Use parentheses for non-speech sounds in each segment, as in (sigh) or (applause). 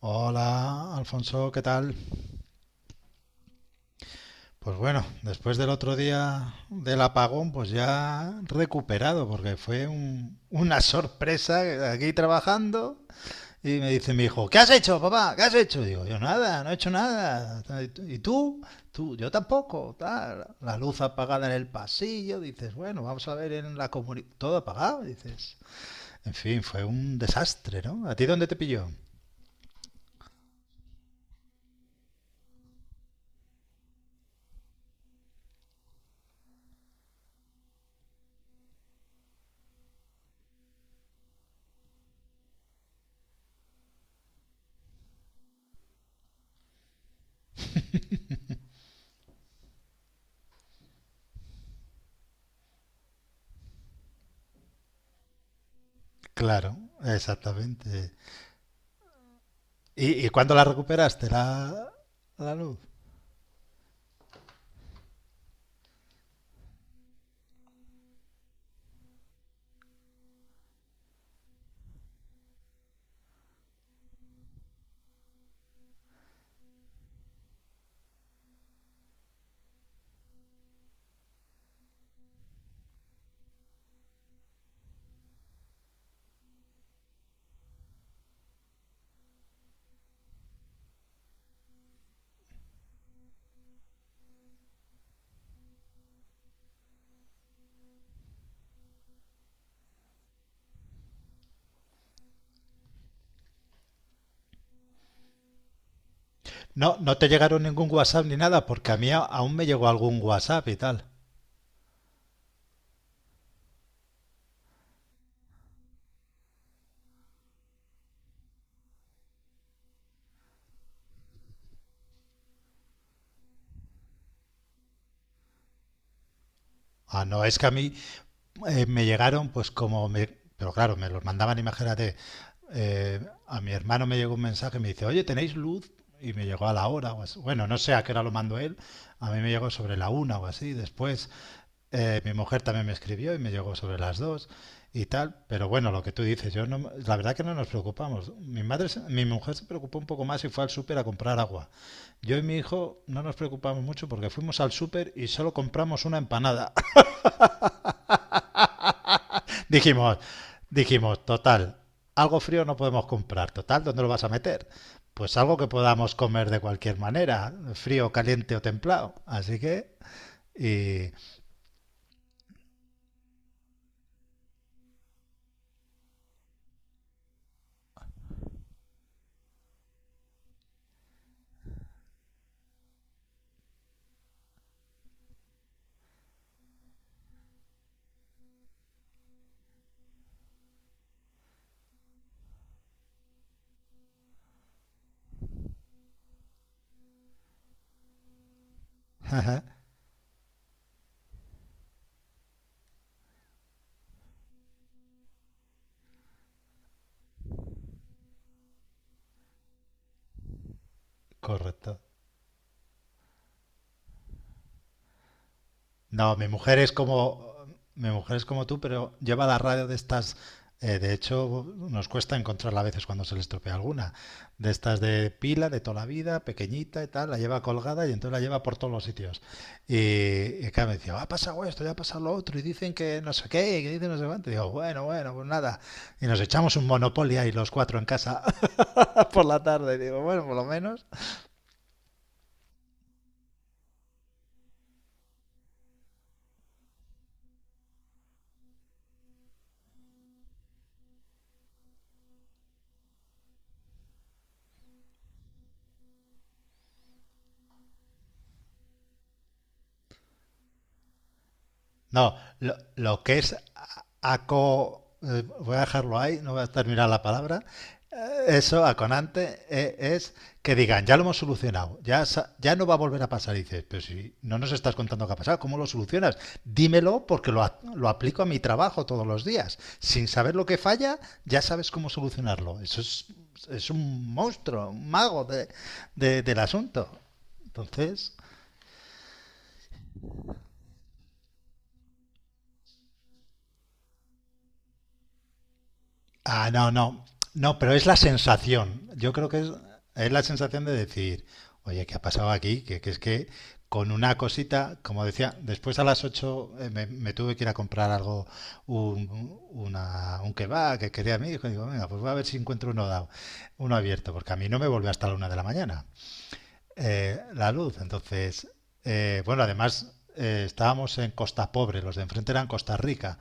Hola, Alfonso, ¿qué tal? Pues bueno, después del otro día del apagón, pues ya recuperado, porque fue una sorpresa aquí trabajando y me dice mi hijo, ¿qué has hecho, papá? ¿Qué has hecho? Digo, yo nada, no he hecho nada. ¿Y tú? Tú, yo tampoco. Tal. La luz apagada en el pasillo, dices, bueno, vamos a ver en la comunidad, todo apagado, dices. En fin, fue un desastre, ¿no? ¿A ti dónde te pilló? Claro, exactamente. Y cuándo la recuperaste la, la luz? No, no te llegaron ningún WhatsApp ni nada, porque a mí aún me llegó algún WhatsApp y tal. Ah, no, es que a mí me llegaron, pues como me. Pero claro, me los mandaban, imagínate. eh, a mi hermano me llegó un mensaje y me dice, oye, ¿tenéis luz? Y me llegó a la hora o así. Bueno, no sé a qué hora lo mandó él. A mí me llegó sobre la una o así. Después mi mujer también me escribió y me llegó sobre las dos y tal, pero bueno, lo que tú dices, yo no, la verdad que no nos preocupamos. Mi madre, mi mujer se preocupó un poco más y fue al súper a comprar agua. Yo y mi hijo no nos preocupamos mucho porque fuimos al súper y solo compramos una empanada. (laughs) Dijimos, dijimos, total, algo frío no podemos comprar, total, ¿dónde lo vas a meter? Pues algo que podamos comer de cualquier manera, frío, caliente o templado. Así que, y, (laughs) correcto. No, mi mujer es como, mi mujer es como tú, pero lleva la radio de estas. De hecho, nos cuesta encontrarla a veces cuando se le estropea alguna. De estas de pila, de toda la vida, pequeñita y tal, la lleva colgada y entonces la lleva por todos los sitios. Y claro, me decía, ha pasado esto, ya ha pasado lo otro, y dicen que no sé qué, y que dicen no sé cuánto. Y digo, bueno, bueno, pues nada. Y nos echamos un Monopoly ahí los cuatro en casa (laughs) por la tarde. Y digo, bueno, por lo menos... No, lo que es voy a dejarlo ahí, no voy a terminar la palabra. Eso, aconante, es que digan, ya lo hemos solucionado, ya, ya no va a volver a pasar. Y dices, pero si no nos estás contando qué ha pasado, ¿cómo lo solucionas? Dímelo porque lo, lo aplico a mi trabajo todos los días. Sin saber lo que falla, ya sabes cómo solucionarlo. Eso es un monstruo, un mago del asunto. Entonces, ah, no, no. No, pero es la sensación. Yo creo que es la sensación de decir, oye, ¿qué ha pasado aquí? Que es que con una cosita, como decía, después a las 8 me, me tuve que ir a comprar algo, un, un kebab que quería mi hijo. Y digo, venga, pues voy a ver si encuentro uno dado, uno abierto, porque a mí no me vuelve hasta la una de la mañana la luz. Entonces, bueno, además estábamos en Costa Pobre, los de enfrente eran Costa Rica.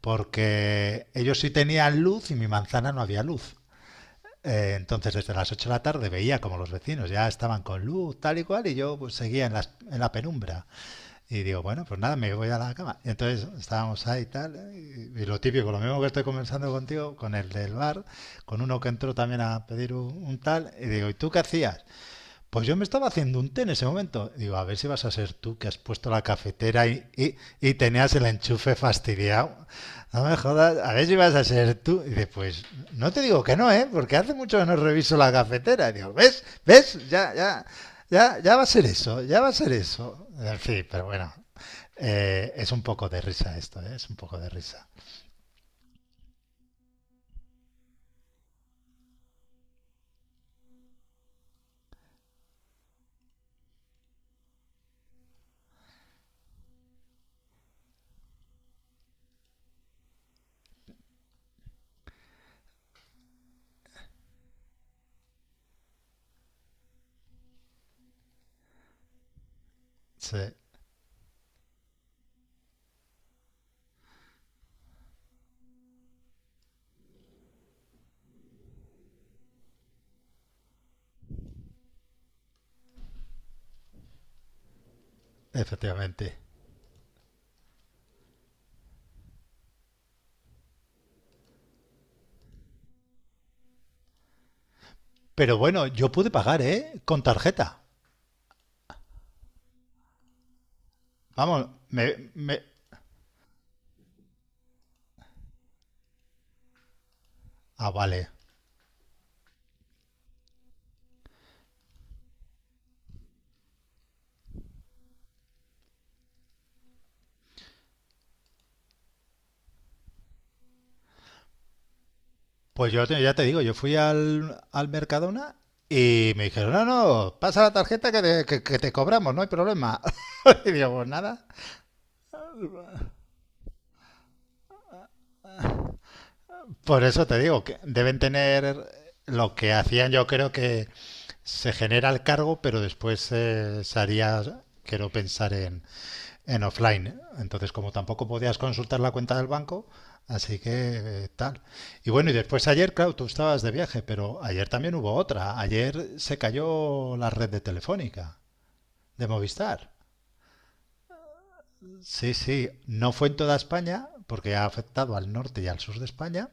Porque ellos sí tenían luz y mi manzana no había luz. Entonces, desde las 8 de la tarde veía como los vecinos ya estaban con luz, tal y cual, y yo pues, seguía en la penumbra. Y digo, bueno, pues nada, me voy a la cama. Y entonces estábamos ahí tal, y lo típico, lo mismo que estoy conversando contigo, con el del bar, con uno que entró también a pedir un tal, y digo, ¿y tú qué hacías? Pues yo me estaba haciendo un té en ese momento. Digo, a ver si vas a ser tú que has puesto la cafetera y y tenías el enchufe fastidiado. No me jodas, a ver si vas a ser tú. Y dice, pues no te digo que no, ¿eh? Porque hace mucho que no reviso la cafetera. Y digo, ¿ves? ¿Ves? Ya, ya, ya, ya va a ser eso, ya va a ser eso. En fin, pero bueno, es un poco de risa esto, ¿eh? Es un poco de risa. Sí, efectivamente. Pero bueno, yo pude pagar, ¿eh? Con tarjeta. Vamos, me... Ah, vale. Pues yo ya te digo, yo fui al, al Mercadona y me dijeron, no, no, pasa la tarjeta que te, que te cobramos, no hay problema. (laughs) Y digo, pues nada. Por eso te digo, que deben tener lo que hacían, yo creo que se genera el cargo, pero después se haría, quiero pensar en offline. Entonces, como tampoco podías consultar la cuenta del banco, así que tal. Y bueno, y después ayer, claro, tú estabas de viaje, pero ayer también hubo otra. Ayer se cayó la red de Telefónica, de Movistar. Sí, sí, no fue en toda España, porque ha afectado al norte y al sur de España,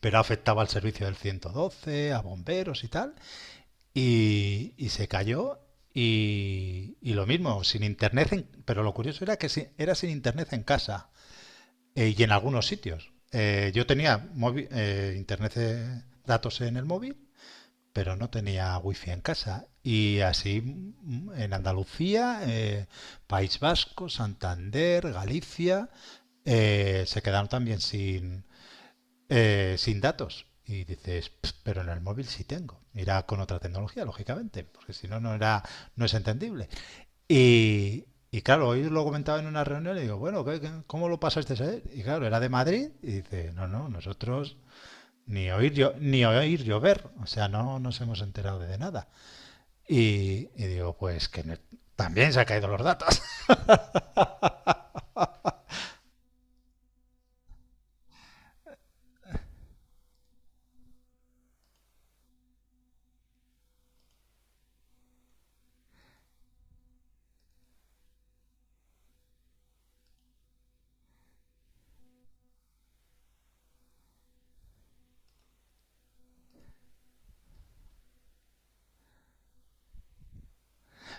pero afectaba al servicio del 112, a bomberos y tal. Y se cayó y lo mismo, sin internet, en- pero lo curioso era que era sin internet en casa. Y en algunos sitios. Yo tenía móvil, internet de datos en el móvil, pero no tenía wifi en casa. Y así mm, en Andalucía, País Vasco, Santander, Galicia, se quedaron también sin, sin datos. Y dices, pero en el móvil sí tengo. Irá con otra tecnología, lógicamente, porque si no, no, era, no es entendible. Y claro, hoy lo comentaba en una reunión y digo, bueno, ¿cómo lo pasaste ayer? Y claro, era de Madrid y dice, no, no, nosotros ni oír, ni oír llover, o sea, no nos hemos enterado de nada. Y digo, pues que también se han caído los datos. (laughs)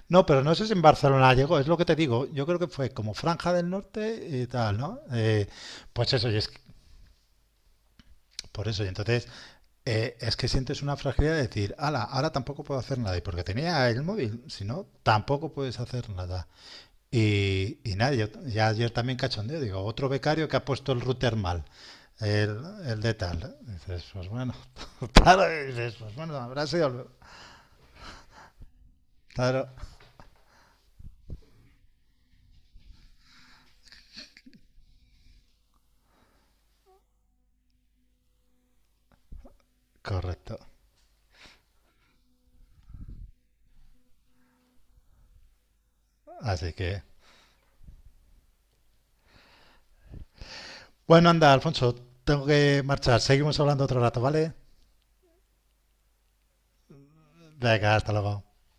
No, pero no sé si en Barcelona llegó, es lo que te digo, yo creo que fue como Franja del Norte y tal, ¿no? Pues eso, y es que... Por eso, y entonces es que sientes una fragilidad de decir, ala, ahora tampoco puedo hacer nada. Y porque tenía el móvil, si no, tampoco puedes hacer nada. Y nada, yo, ya ayer también cachondeo, digo, otro becario que ha puesto el router mal. El, el de tal. Dices, pues bueno, (laughs) claro, dices, pues bueno, habrá sido. El- Claro, correcto. Así que. Bueno, anda, Alfonso, tengo que marchar. Seguimos hablando otro rato, ¿vale? Venga, hasta luego.